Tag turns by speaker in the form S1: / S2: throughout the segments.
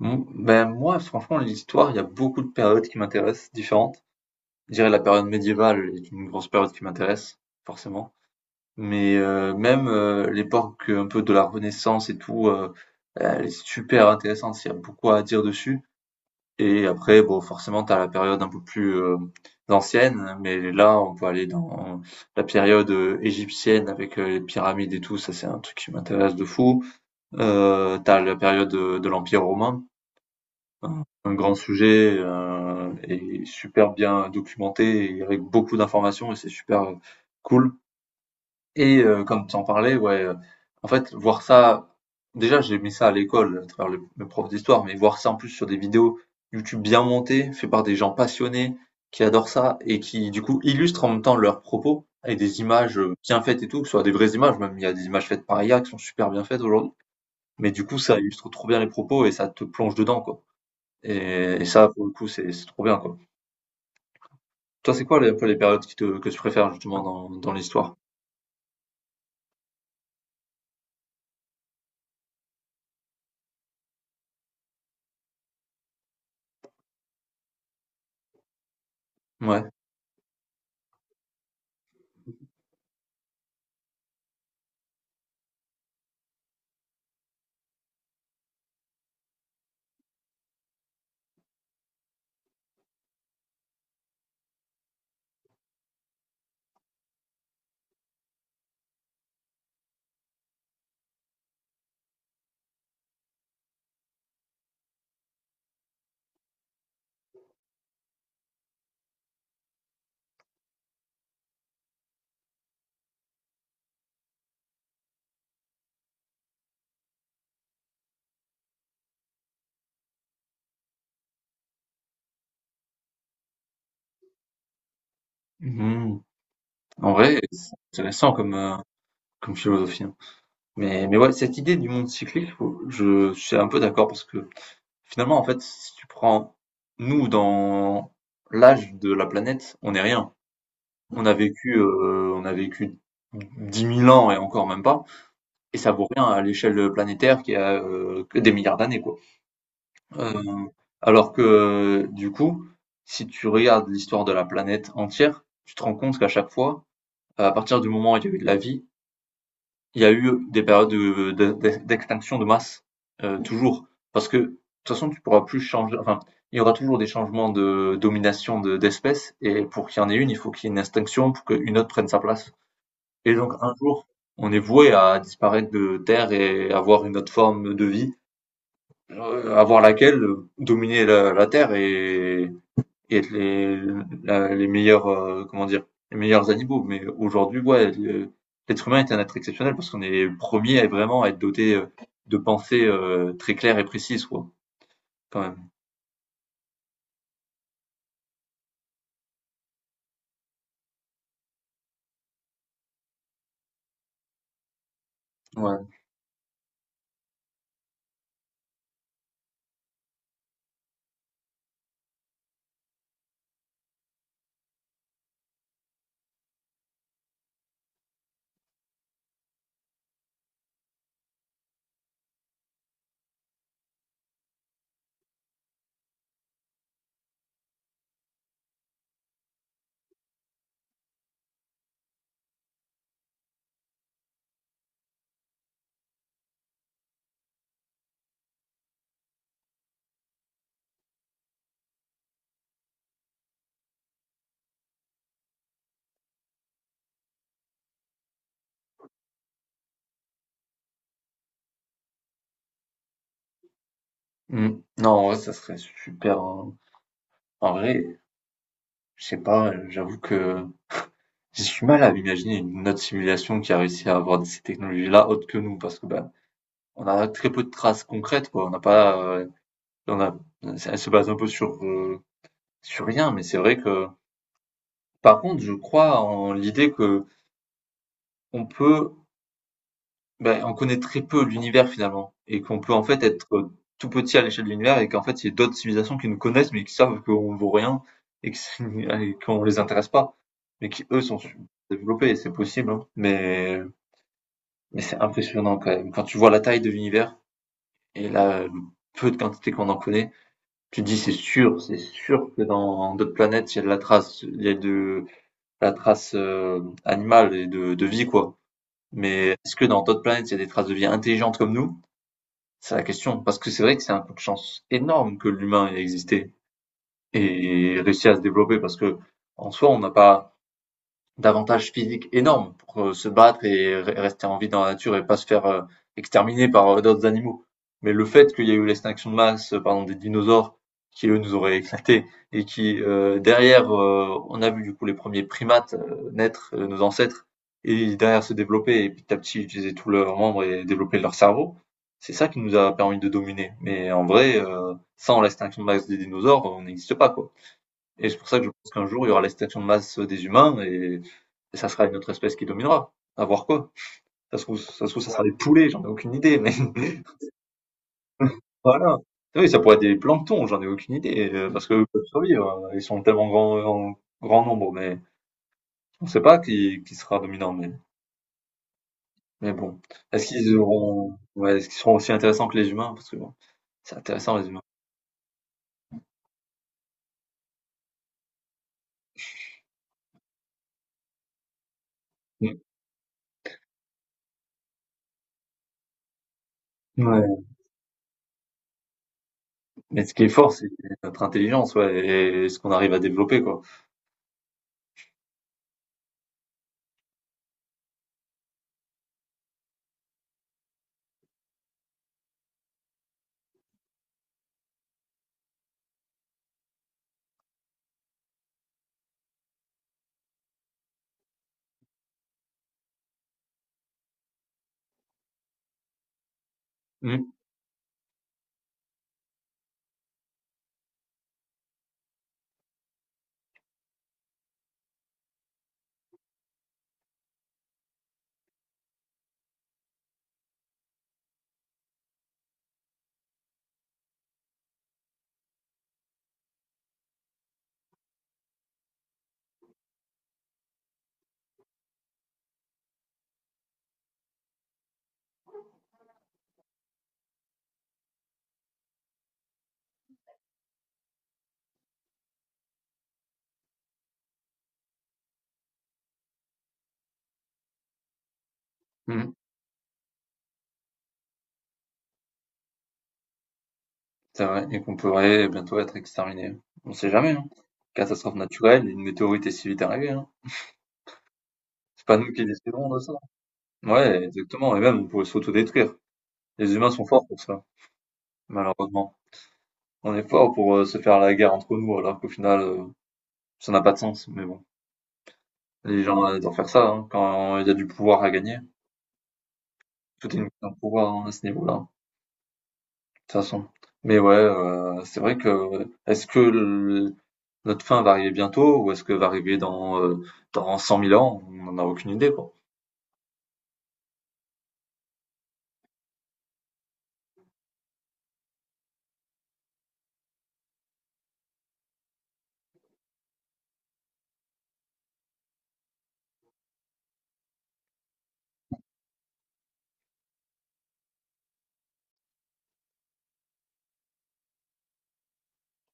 S1: Mmh, ben, moi, franchement, l'histoire, il y a beaucoup de périodes qui m'intéressent, différentes. Je dirais la période médiévale est une grosse période qui m'intéresse, forcément. Mais même l'époque un peu de la Renaissance et tout, elle est super intéressante, il y a beaucoup à dire dessus. Et après, bon, forcément, t'as la période un peu plus ancienne, mais là, on peut aller dans la période égyptienne avec les pyramides et tout, ça c'est un truc qui m'intéresse de fou. T'as la période de l'Empire romain, un grand sujet, et super bien documenté et avec beaucoup d'informations et c'est super, cool. Et comme tu en parlais, ouais, en fait, voir ça déjà, j'ai mis ça à l'école à travers le prof d'histoire, mais voir ça en plus sur des vidéos YouTube bien montées, faites par des gens passionnés qui adorent ça et qui, du coup, illustrent en même temps leurs propos avec des images, bien faites et tout, que ce soit des vraies images, même il y a des images faites par IA qui sont super bien faites aujourd'hui, mais du coup, ça illustre trop bien les propos et ça te plonge dedans, quoi. Et ça, pour le coup, c'est trop bien, quoi. Toi, c'est quoi les, un peu les périodes que tu préfères justement dans, dans l'histoire? Ouais. Mhm. En vrai, c'est intéressant comme, comme philosophie, hein. Mais ouais, cette idée du monde cyclique, je suis un peu d'accord parce que finalement, en fait, si tu prends nous dans l'âge de la planète, on n'est rien. On a vécu 10 000 ans et encore même pas, et ça vaut rien à l'échelle planétaire qui a que des milliards d'années, quoi. Heu, alors que, du coup, si tu regardes l'histoire de la planète entière, tu te rends compte qu'à chaque fois, à partir du moment où il y a eu de la vie, il y a eu des périodes de d'ex d'extinction de masse, toujours. Parce que, de toute façon, tu pourras plus changer, enfin, il y aura toujours des changements de domination de d'espèces et pour qu'il y en ait une, il faut qu'il y ait une extinction pour qu'une autre prenne sa place. Et donc un jour, on est voué à disparaître de terre et avoir une autre forme de vie. Avant laquelle, dominer la terre et être les meilleurs, comment dire? Les meilleurs animaux. Mais aujourd'hui, ouais, le l'être humain est un être exceptionnel parce qu'on est le premier à vraiment être doté, de pensées, très claires et précises, quoi, quand même. Ouais. Mmh. Non, ouais, ça serait super, hein. En vrai, je sais pas, j'avoue que j'ai du mal à imaginer une autre simulation qui a réussi à avoir ces technologies-là autres que nous parce que, ben on a très peu de traces concrètes, quoi. On n'a pas, on a, elle se base un peu sur, sur rien, mais c'est vrai que, par contre, je crois en l'idée que on peut, ben, on connaît très peu l'univers finalement, et qu'on peut en fait être tout petit à l'échelle de l'univers, et qu'en fait, il y a d'autres civilisations qui nous connaissent, mais qui savent qu'on vaut rien, et que c'est- et qu'on les intéresse pas, mais qui eux sont développés, et c'est possible, hein. Mais c'est impressionnant quand même. Quand tu vois la taille de l'univers, et la peu de quantité qu'on en connaît, tu dis c'est sûr que dans d'autres planètes, il y a de la trace, il y a de la trace animale et de vie, quoi. Mais est-ce que dans d'autres planètes, il y a des traces de vie intelligentes comme nous? C'est la question. Parce que c'est vrai que c'est un coup de chance énorme que l'humain ait existé et réussi à se développer parce que en soi, on n'a pas d'avantage physique énorme pour se battre et rester en vie dans la nature et pas se faire exterminer par d'autres animaux. Mais le fait qu'il y ait eu l'extinction de masse, par des dinosaures, qui eux nous auraient éclatés, et qui derrière, on a vu du coup les premiers primates naître, nos ancêtres, et derrière se développer, et petit à petit utiliser tous leurs membres et développer leur cerveau, c'est ça qui nous a permis de dominer. Mais en vrai, sans l'extinction de masse des dinosaures, on n'existe pas, quoi. Et c'est pour ça que je pense qu'un jour, il y aura l'extinction de masse des humains, et ça sera une autre espèce qui dominera. À voir quoi. Ça se trouve, ça se trouve, ça sera des poulets, j'en ai aucune idée, mais voilà. Ah oui, ça pourrait être des planctons, j'en ai aucune idée, parce que eux peuvent survivre, hein. Ils sont tellement grands, en grand nombre, mais on ne sait pas qui, qui sera dominant, mais bon. Est-ce qu'ils auront, ouais, est-ce qu'ils seront aussi intéressants que les humains? Parce que bon, c'est intéressant, les humains. Mm. Ouais. Mais ce qui est fort, c'est notre intelligence, ouais, et ce qu'on arrive à développer, quoi. Mm. Mm. C'est vrai et qu'on pourrait bientôt être exterminé. On sait jamais, hein. Catastrophe naturelle, une météorite est si vite arrivée, hein. C'est pas nous qui déciderons de ça. Ouais, exactement, et même on pourrait s'autodétruire. Les humains sont forts pour ça, malheureusement. On est forts pour se faire la guerre entre nous alors qu'au final, ça n'a pas de sens. Mais bon, les gens adorent faire ça hein, quand il y a du pouvoir à gagner. Tout est une question de pouvoir hein, à ce niveau-là, de toute façon. Mais ouais, c'est vrai que est-ce que notre fin va arriver bientôt ou est-ce que va arriver dans, dans 100 000 ans? On n'en a aucune idée, quoi.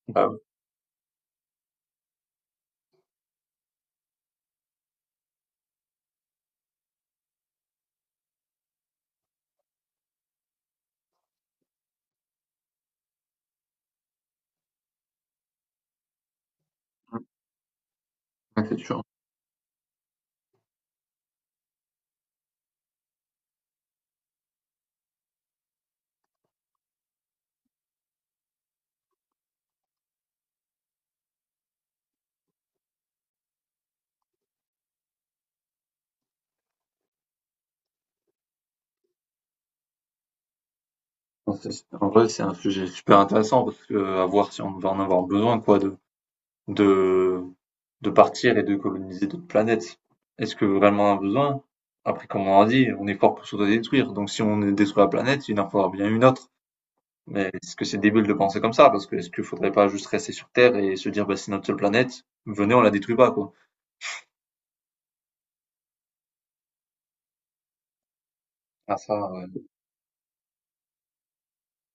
S1: Bah oui, ouais, c'est sûr. Enfin, c'est en vrai, c'est un sujet super intéressant parce que à voir si on va en avoir besoin, quoi, de de partir et de coloniser d'autres planètes. Est-ce que vraiment on a besoin? Après, comme on a dit, on est fort pour s'autodétruire, donc si on détruit la planète, il en faudra bien une autre. Mais est-ce que c'est débile de penser comme ça? Parce que est-ce qu'il faudrait pas juste rester sur Terre et se dire: «Bah, c'est notre seule planète, venez, on la détruit pas», quoi? Ah ça,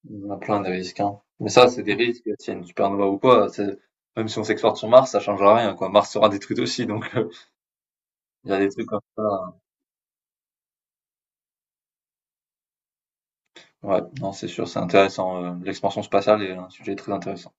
S1: il y en a plein des risques, hein. Mais ça, c'est des risques, s'il y a une supernova ou quoi, c'est- même si on s'exporte sur Mars, ça changera rien, quoi. Mars sera détruite aussi, donc il y a des trucs comme ça. Ouais, non, c'est sûr, c'est intéressant. L'expansion spatiale est un sujet très intéressant.